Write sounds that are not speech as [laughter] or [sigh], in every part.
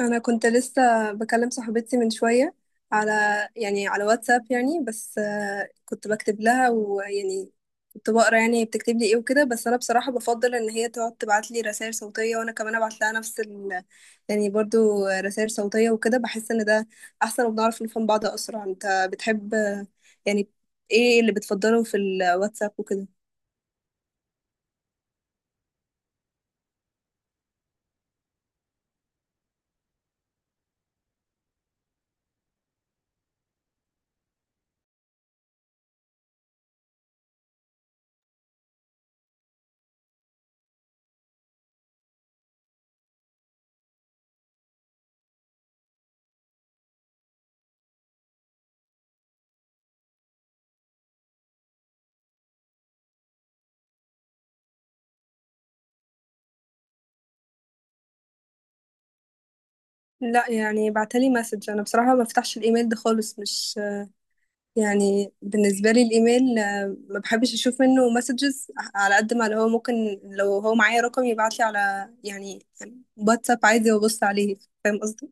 انا كنت لسه بكلم صاحبتي من شويه على، يعني على واتساب. يعني بس كنت بكتب لها. ويعني كنت بقرا يعني بتكتب لي ايه وكده. بس انا بصراحه بفضل ان هي تقعد تبعت لي رسائل صوتيه، وانا كمان ابعت لها نفس ال، يعني برضو رسائل صوتيه وكده. بحس ان ده احسن وبنعرف نفهم بعض اسرع. انت بتحب يعني ايه اللي بتفضله في الواتساب وكده؟ لا يعني بعتلي مسج. انا بصراحه ما بفتحش الايميل ده خالص. مش يعني بالنسبة لي الإيميل، ما بحبش أشوف منه مسجز. على قد ما اللي هو ممكن لو هو معايا رقم يبعتلي على، يعني واتساب عادي وأبص عليه. فاهم قصدي؟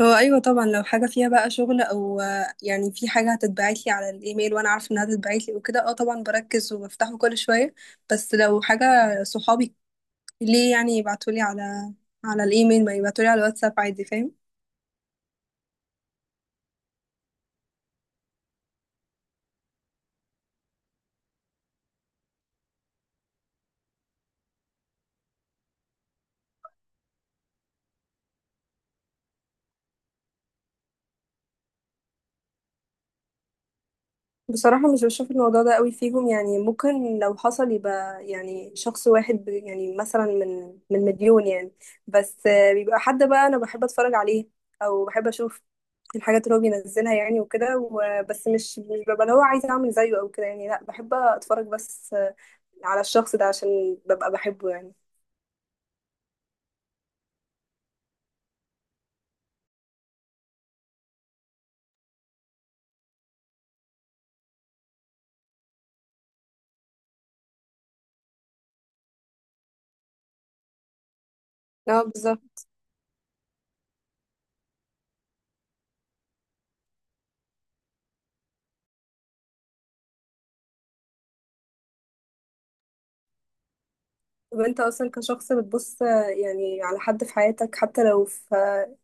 هو أيوة طبعا، لو حاجة فيها بقى شغل أو يعني في حاجة هتتبعتلي على الإيميل وأنا عارفة إنها هتتبعتلي وكده، أه طبعا بركز وبفتحه كل شوية. بس لو حاجة صحابي ليه يعني يبعتولي على على الإيميل؟ ما يبعتولي على الواتساب عادي. فاهم؟ بصراحة مش بشوف الموضوع ده قوي فيهم. يعني ممكن لو حصل يبقى يعني شخص واحد يعني مثلا من مليون يعني، بس بيبقى حد بقى أنا بحب أتفرج عليه أو بحب أشوف الحاجات اللي هو بينزلها يعني وكده. وبس مش ببقى اللي هو عايزة أعمل زيه أو كده يعني. لأ بحب أتفرج بس، على الشخص ده عشان ببقى بحبه يعني. اه بالظبط. طب انت اصلا كشخص بتبص، يعني على حد في حياتك، حتى لو في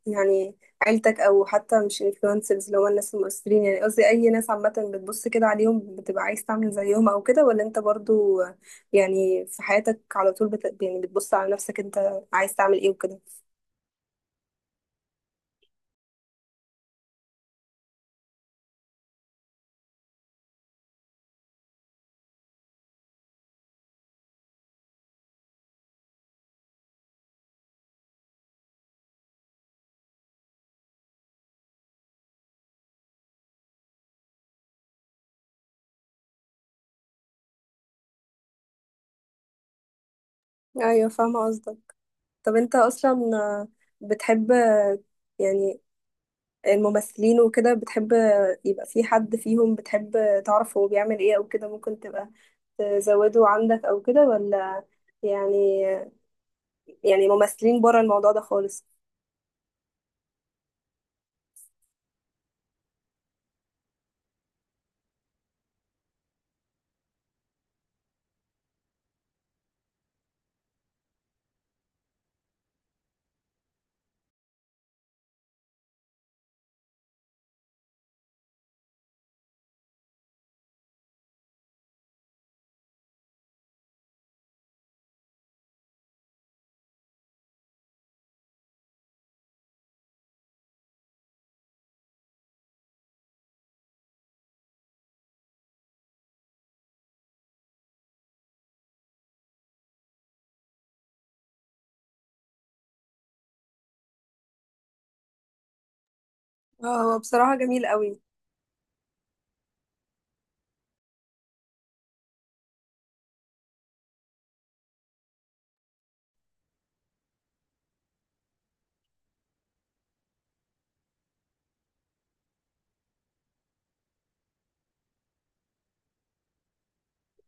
يعني عيلتك، او حتى مش انفلونسرز اللي هو الناس المؤثرين، يعني قصدي اي ناس عامة، بتبص كده عليهم بتبقى عايز تعمل زيهم او كده؟ ولا انت برضو يعني في حياتك على طول يعني بتبص على نفسك انت عايز تعمل ايه وكده؟ ايوه فاهمة قصدك. طب انت اصلا بتحب، يعني، الممثلين وكده؟ بتحب يبقى في حد فيهم بتحب تعرف هو بيعمل ايه او كده، ممكن تبقى تزوده عندك او كده؟ ولا يعني، يعني ممثلين بره الموضوع ده خالص؟ اه هو بصراحة جميل قوي.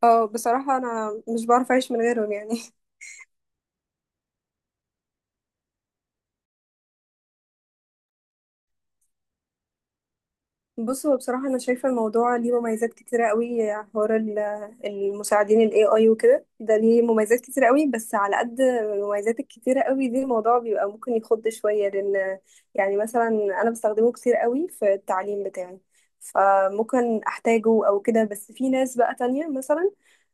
اه بصراحة انا مش بعرف اعيش من غيرهم يعني. [laughs] بص، هو بصراحة أنا شايفة الموضوع ليه مميزات كتيرة قوي. حوار المساعدين ال AI وكده، ده ليه مميزات كتيرة قوي. بس على قد المميزات الكتيرة قوي دي، الموضوع بيبقى ممكن يخض شوية، لأن يعني مثلا أنا بستخدمه كتير قوي في التعليم بتاعي، فممكن أحتاجه أو كده. بس في ناس بقى تانية مثلا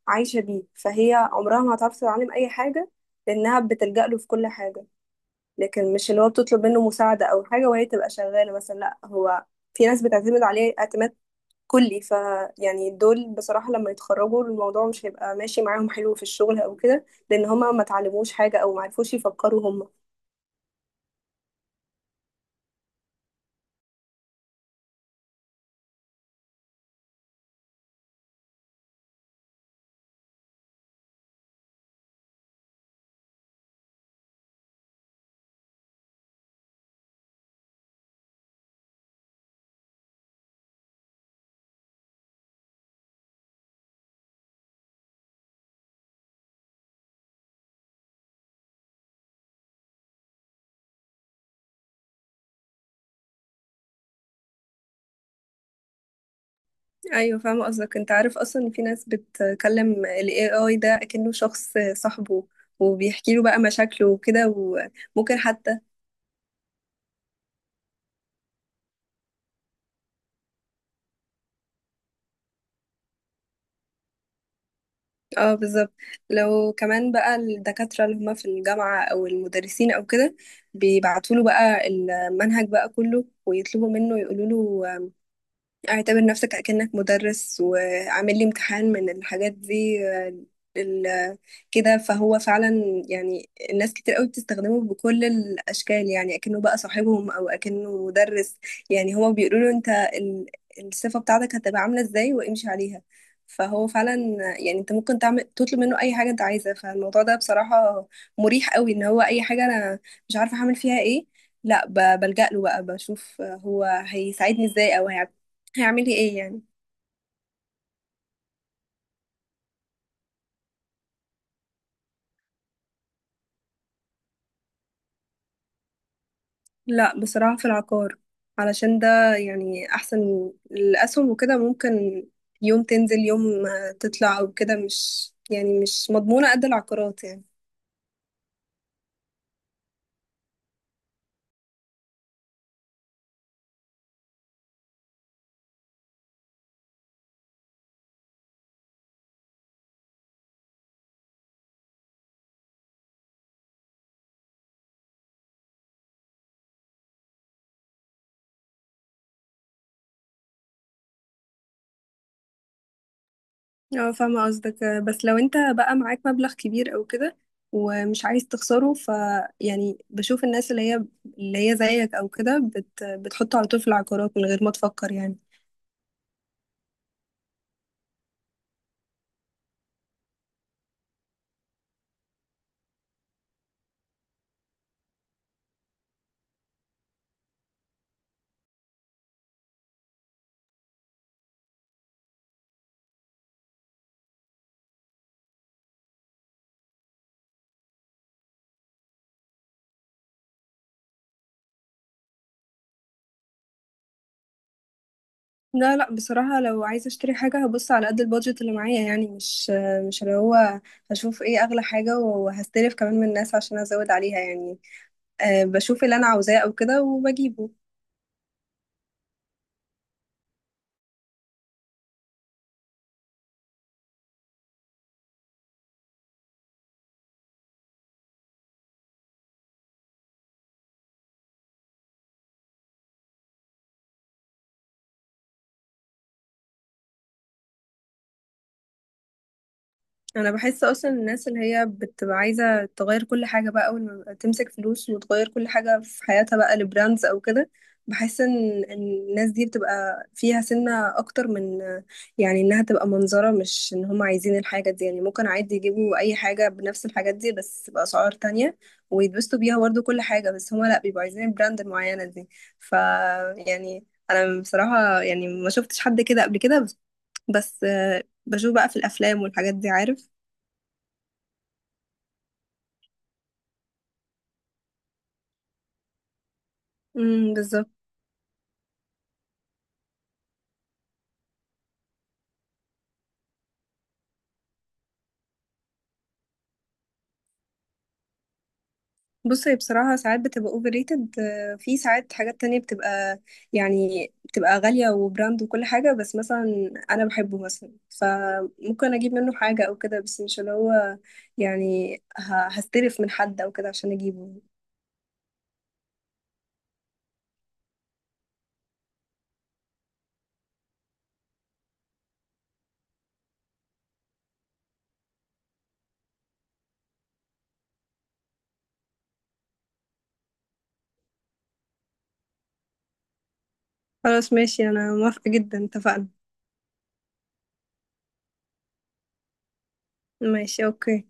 عايشة بيه، فهي عمرها ما هتعرف تتعلم أي حاجة لأنها بتلجأ له في كل حاجة. لكن مش اللي هو بتطلب منه مساعدة أو حاجة وهي تبقى شغالة مثلا، لأ هو، في ناس بتعتمد عليه اعتماد كلي. ف يعني دول بصراحة لما يتخرجوا الموضوع مش هيبقى ماشي معاهم حلو في الشغل أو كده، لأن هما ما تعلموش حاجة أو ما عرفوش يفكروا هما. أيوة فاهمة قصدك. أنت عارف أصلا إن في ناس بتكلم ال AI ده أكنه شخص صاحبه، وبيحكي له بقى مشاكله وكده، وممكن حتى، اه بالظبط. لو كمان بقى الدكاترة اللي هما في الجامعة أو المدرسين أو كده، بيبعتوا له بقى المنهج بقى كله ويطلبوا منه، يقولوا له اعتبر نفسك أكنك مدرس وعامل لي امتحان من الحاجات دي ال- كده. فهو فعلا يعني الناس كتير قوي بتستخدمه بكل الأشكال، يعني أكنه بقى صاحبهم أو أكنه مدرس. يعني هما بيقولوا له أنت الصفة بتاعتك هتبقى عاملة إزاي، وامشي عليها. فهو فعلا يعني أنت ممكن تعمل تطلب منه أي حاجة أنت عايزها. فالموضوع ده بصراحة مريح قوي، إن هو أي حاجة أنا مش عارفة هعمل فيها إيه، لا بلجأ له بقى بشوف هو هيساعدني ازاي او هيعملي ايه يعني. لا بصراحة في العقار، علشان ده يعني احسن. الاسهم وكده ممكن يوم تنزل يوم ما تطلع او كده. مش يعني مش مضمونة قد العقارات يعني. اه فاهمة قصدك. بس لو انت بقى معاك مبلغ كبير او كده ومش عايز تخسره، ف يعني بشوف الناس اللي هي زيك او كده بتحطه على طول في العقارات من غير ما تفكر يعني. لا بصراحة لو عايزة اشتري حاجة هبص على قد البادجت اللي معايا يعني. مش اللي هو هشوف ايه اغلى حاجة وهستلف كمان من الناس عشان ازود عليها يعني. أه بشوف اللي انا عاوزاه او كده وبجيبه. انا بحس اصلا الناس اللي هي بتبقى عايزه تغير كل حاجه بقى، اول ما تمسك فلوس وتغير كل حاجه في حياتها بقى لبراندز او كده، بحس ان إن الناس دي بتبقى فيها سنه اكتر من، يعني انها تبقى منظره، مش ان هم عايزين الحاجه دي. يعني ممكن عادي يجيبوا اي حاجه بنفس الحاجات دي بس باسعار تانية ويتبسطوا بيها برضه كل حاجه. بس هم لا بيبقوا عايزين البراند المعينه دي. ف يعني انا بصراحه يعني ما شفتش حد كده قبل كده، بس بس بشوف بقى في الافلام والحاجات دي، عارف. بالظبط. بص هي بصراحة ساعات بتبقى اوفر ريتد، في ساعات حاجات تانية بتبقى يعني بتبقى غالية وبراند وكل حاجة، بس مثلا أنا بحبه مثلا فممكن أجيب منه حاجة أو كده. بس مش اللي هو يعني هستلف من حد أو كده عشان أجيبه. خلاص ماشي أنا موافقة جدا، اتفقنا. ماشي أوكي.